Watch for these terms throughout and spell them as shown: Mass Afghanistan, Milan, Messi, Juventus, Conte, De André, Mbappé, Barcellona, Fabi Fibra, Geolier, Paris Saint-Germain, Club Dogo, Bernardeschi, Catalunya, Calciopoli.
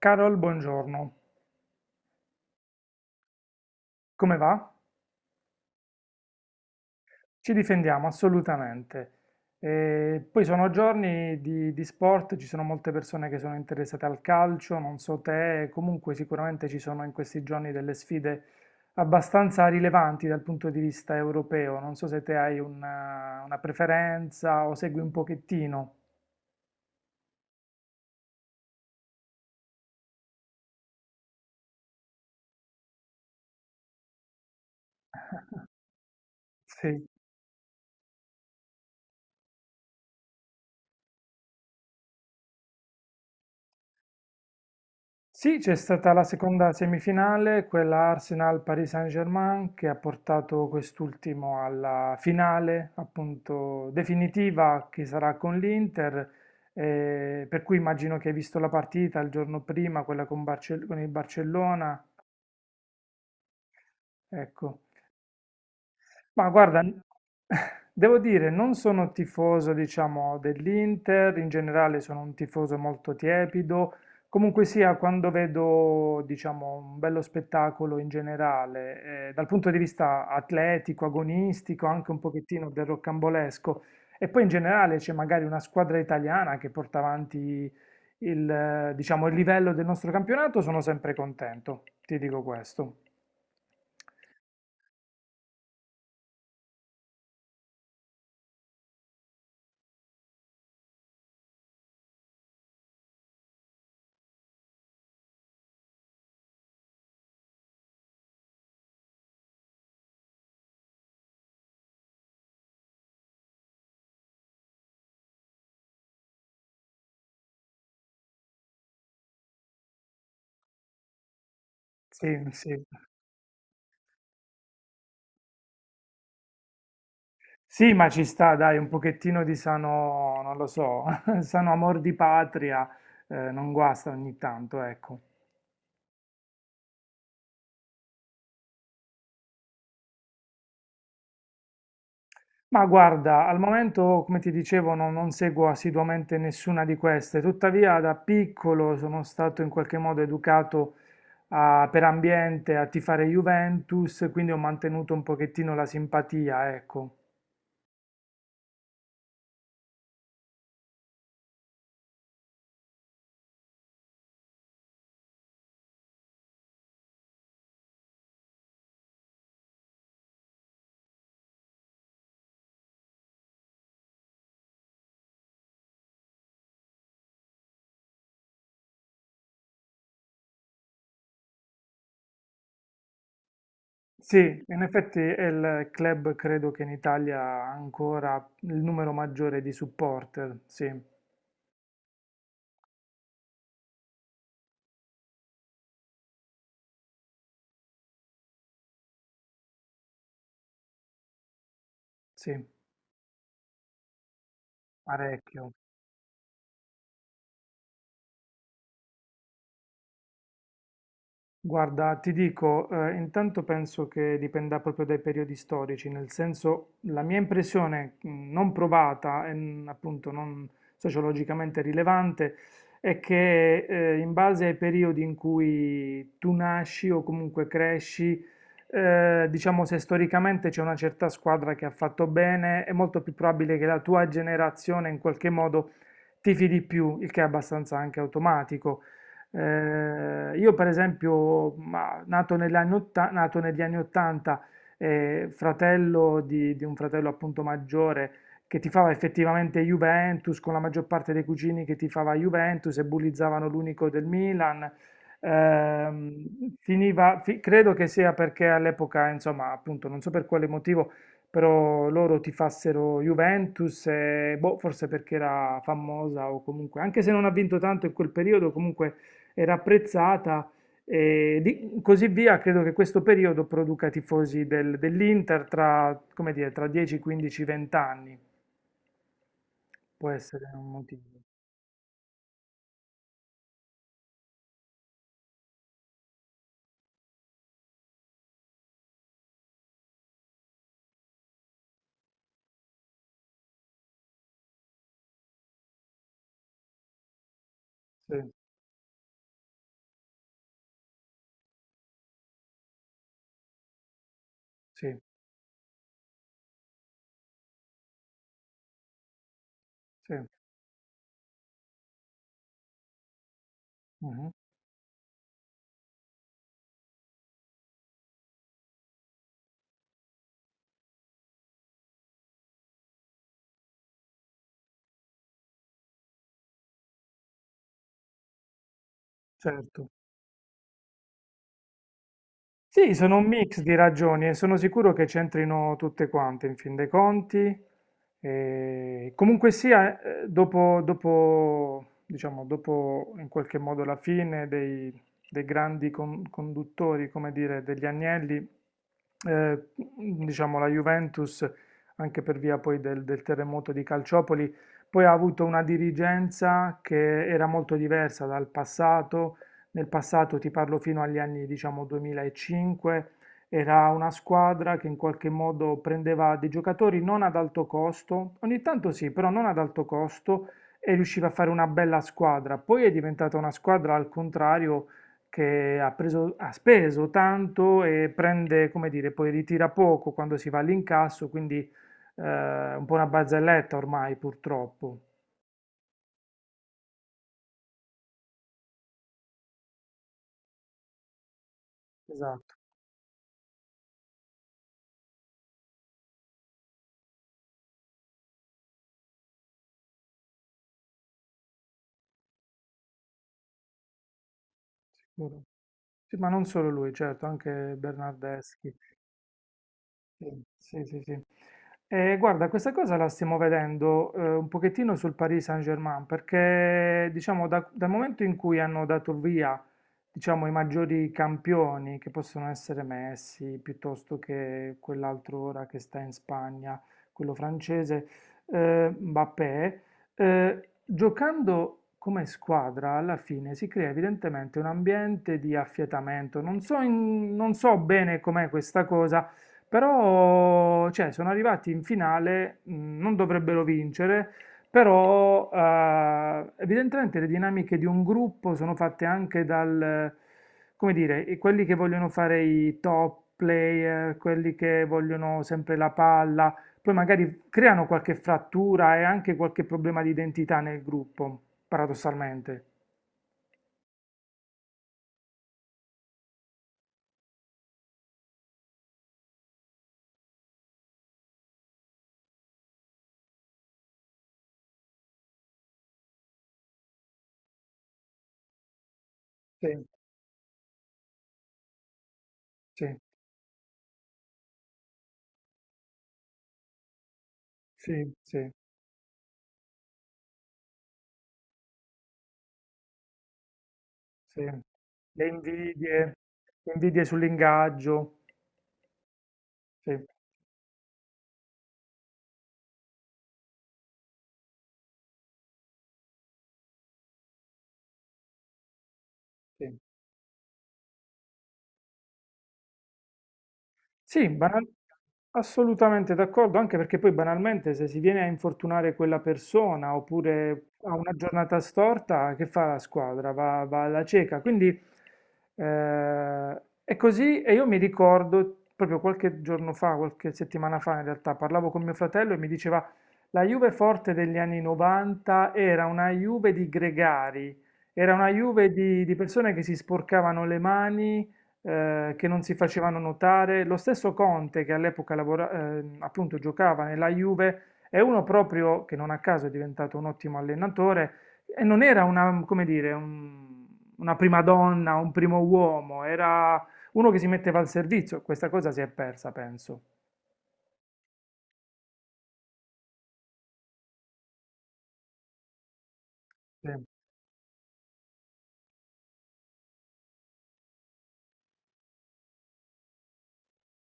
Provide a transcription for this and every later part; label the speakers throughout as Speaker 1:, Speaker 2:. Speaker 1: Carol, buongiorno. Come va? Ci difendiamo assolutamente. E poi sono giorni di sport, ci sono molte persone che sono interessate al calcio, non so te, comunque sicuramente ci sono in questi giorni delle sfide abbastanza rilevanti dal punto di vista europeo. Non so se te hai una preferenza o segui un pochettino. Sì. Sì, c'è stata la seconda semifinale, quella Arsenal-Paris Saint-Germain, che ha portato quest'ultimo alla finale, appunto, definitiva, che sarà con l'Inter, per cui immagino che hai visto la partita il giorno prima, quella con il Barcellona, ecco. Ma guarda, devo dire, non sono tifoso, diciamo, dell'Inter, in generale sono un tifoso molto tiepido. Comunque sia, quando vedo, diciamo, un bello spettacolo in generale, dal punto di vista atletico, agonistico, anche un pochettino del rocambolesco, e poi in generale c'è magari una squadra italiana che porta avanti diciamo, il livello del nostro campionato, sono sempre contento, ti dico questo. Sì, sì. Sì, ma ci sta, dai, un pochettino di sano, non lo so, sano amor di patria, non guasta ogni tanto, ecco. Ma guarda, al momento, come ti dicevo, non seguo assiduamente nessuna di queste, tuttavia da piccolo sono stato in qualche modo educato per ambiente a tifare Juventus, quindi ho mantenuto un pochettino la simpatia, ecco. Sì, in effetti è il club credo che in Italia ha ancora il numero maggiore di supporter, sì, sì. Parecchio. Guarda, ti dico, intanto penso che dipenda proprio dai periodi storici, nel senso la mia impressione non provata e appunto non sociologicamente rilevante è che in base ai periodi in cui tu nasci o comunque cresci, diciamo se storicamente c'è una certa squadra che ha fatto bene, è molto più probabile che la tua generazione in qualche modo tifi di più, il che è abbastanza anche automatico. Io per esempio, ma, nato negli anni 80, fratello di un fratello appunto maggiore che tifava effettivamente Juventus, con la maggior parte dei cugini che tifava Juventus e bullizzavano l'unico del Milan. Ehm, credo che sia perché all'epoca, insomma, appunto, non so per quale motivo, però loro tifassero Juventus, e, boh, forse perché era famosa o comunque, anche se non ha vinto tanto in quel periodo, comunque era apprezzata e così via. Credo che questo periodo produca tifosi dell'Inter tra, come dire, tra 10, 15, 20 anni. Può essere un motivo. Sì, sì, sì. Mhm. Certo. Sì, sono un mix di ragioni e sono sicuro che c'entrino tutte quante in fin dei conti. E comunque sia, dopo, diciamo, dopo in qualche modo la fine dei grandi conduttori, come dire, degli Agnelli, eh, diciamo, la Juventus, anche per via poi del terremoto di Calciopoli, poi ha avuto una dirigenza che era molto diversa dal passato. Nel passato, ti parlo fino agli anni diciamo 2005, era una squadra che in qualche modo prendeva dei giocatori non ad alto costo, ogni tanto sì, però non ad alto costo e riusciva a fare una bella squadra. Poi è diventata una squadra al contrario che ha speso tanto e prende, come dire, poi ritira poco quando si va all'incasso, quindi un po' una barzelletta ormai purtroppo. Esatto. Muro. Sì, ma non solo lui, certo, anche Bernardeschi. Sì, sì, sì. Sì. Guarda, questa cosa la stiamo vedendo un pochettino sul Paris Saint-Germain, perché diciamo dal momento in cui hanno dato via, diciamo, i maggiori campioni, che possono essere Messi, piuttosto che quell'altro ora che sta in Spagna, quello francese, Mbappé, giocando come squadra alla fine si crea evidentemente un ambiente di affiatamento. Non so, non so bene com'è questa cosa però, cioè, sono arrivati in finale, non dovrebbero vincere, però evidentemente le dinamiche di un gruppo sono fatte anche dal, come dire, quelli che vogliono fare i top player, quelli che vogliono sempre la palla, poi magari creano qualche frattura e anche qualche problema di identità nel gruppo, paradossalmente. Sì, sì, sì, sì, sì. Le invidie, le invidie sull'ingaggio. Sì, sì. Sì, assolutamente d'accordo, anche perché poi banalmente se si viene a infortunare quella persona oppure ha una giornata storta, che fa la squadra? Va alla cieca. Quindi è così e io mi ricordo proprio qualche giorno fa, qualche settimana fa in realtà, parlavo con mio fratello e mi diceva la Juve forte degli anni 90 era una Juve di gregari. Era una Juve di persone che si sporcavano le mani, che non si facevano notare. Lo stesso Conte, che all'epoca appunto giocava nella Juve, è uno proprio che non a caso è diventato un ottimo allenatore e non era una, come dire, una prima donna, un primo uomo, era uno che si metteva al servizio. Questa cosa si è persa, penso. Sì,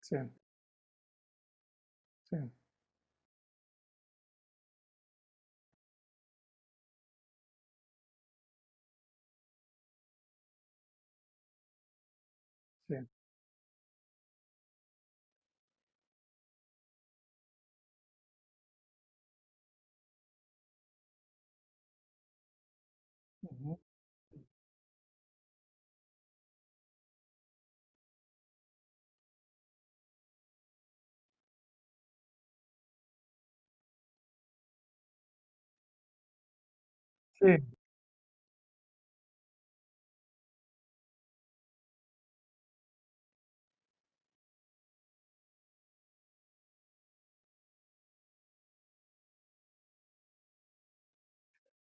Speaker 1: sì, sì, sì. Mhm. Sì,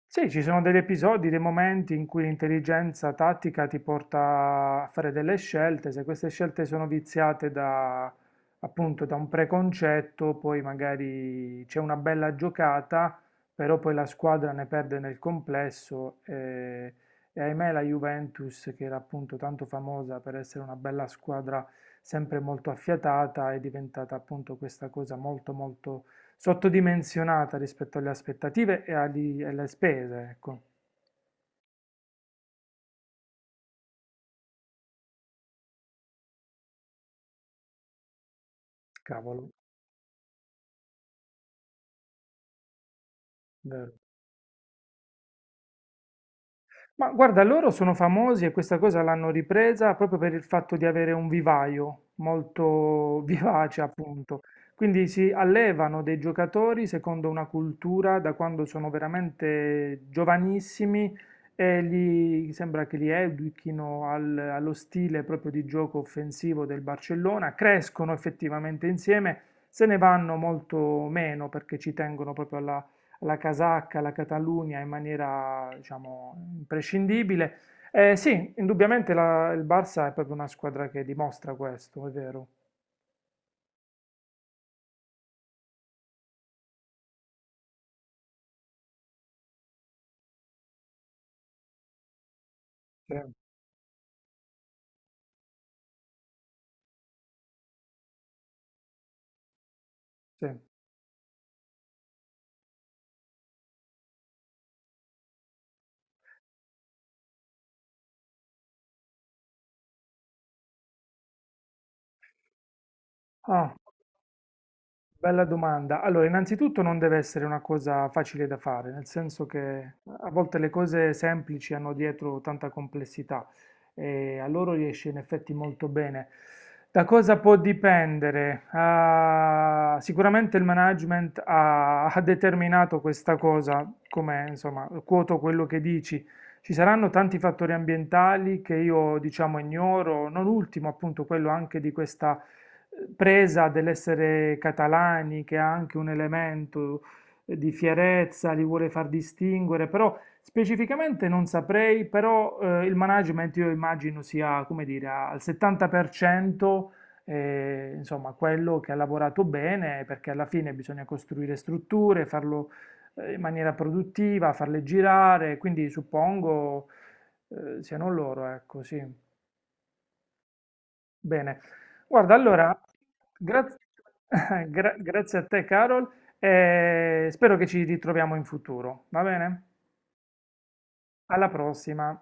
Speaker 1: sì, ci sono degli episodi, dei momenti in cui l'intelligenza tattica ti porta a fare delle scelte, se queste scelte sono viziate da, appunto, da un preconcetto, poi magari c'è una bella giocata, però poi la squadra ne perde nel complesso e, ahimè la Juventus, che era appunto tanto famosa per essere una bella squadra sempre molto affiatata, è diventata appunto questa cosa molto molto sottodimensionata rispetto alle aspettative e alle spese, ecco, cavolo, vero. Ma guarda, loro sono famosi e questa cosa l'hanno ripresa proprio per il fatto di avere un vivaio molto vivace, appunto. Quindi si allevano dei giocatori secondo una cultura da quando sono veramente giovanissimi e gli sembra che li educhino allo stile proprio di gioco offensivo del Barcellona, crescono effettivamente insieme, se ne vanno molto meno perché ci tengono proprio alla la casacca, la Catalunya in maniera, diciamo, imprescindibile. Sì, indubbiamente il Barça è proprio una squadra che dimostra questo, è vero. Sì, sì. Ah. Bella domanda. Allora, innanzitutto non deve essere una cosa facile da fare, nel senso che a volte le cose semplici hanno dietro tanta complessità e a loro riesce in effetti molto bene. Da cosa può dipendere? Ah, sicuramente il management ha determinato questa cosa, come insomma, quoto quello che dici. Ci saranno tanti fattori ambientali che io diciamo ignoro, non ultimo appunto quello anche di questa presa dell'essere catalani, che ha anche un elemento di fierezza, li vuole far distinguere, però specificamente non saprei, però il management io immagino sia, come dire, al 70%, insomma, quello che ha lavorato bene, perché alla fine bisogna costruire strutture, farlo in maniera produttiva, farle girare, quindi suppongo siano loro, ecco, sì. Bene, guarda, allora, gra- grazie a te, Carol, e spero che ci ritroviamo in futuro, va bene? Alla prossima.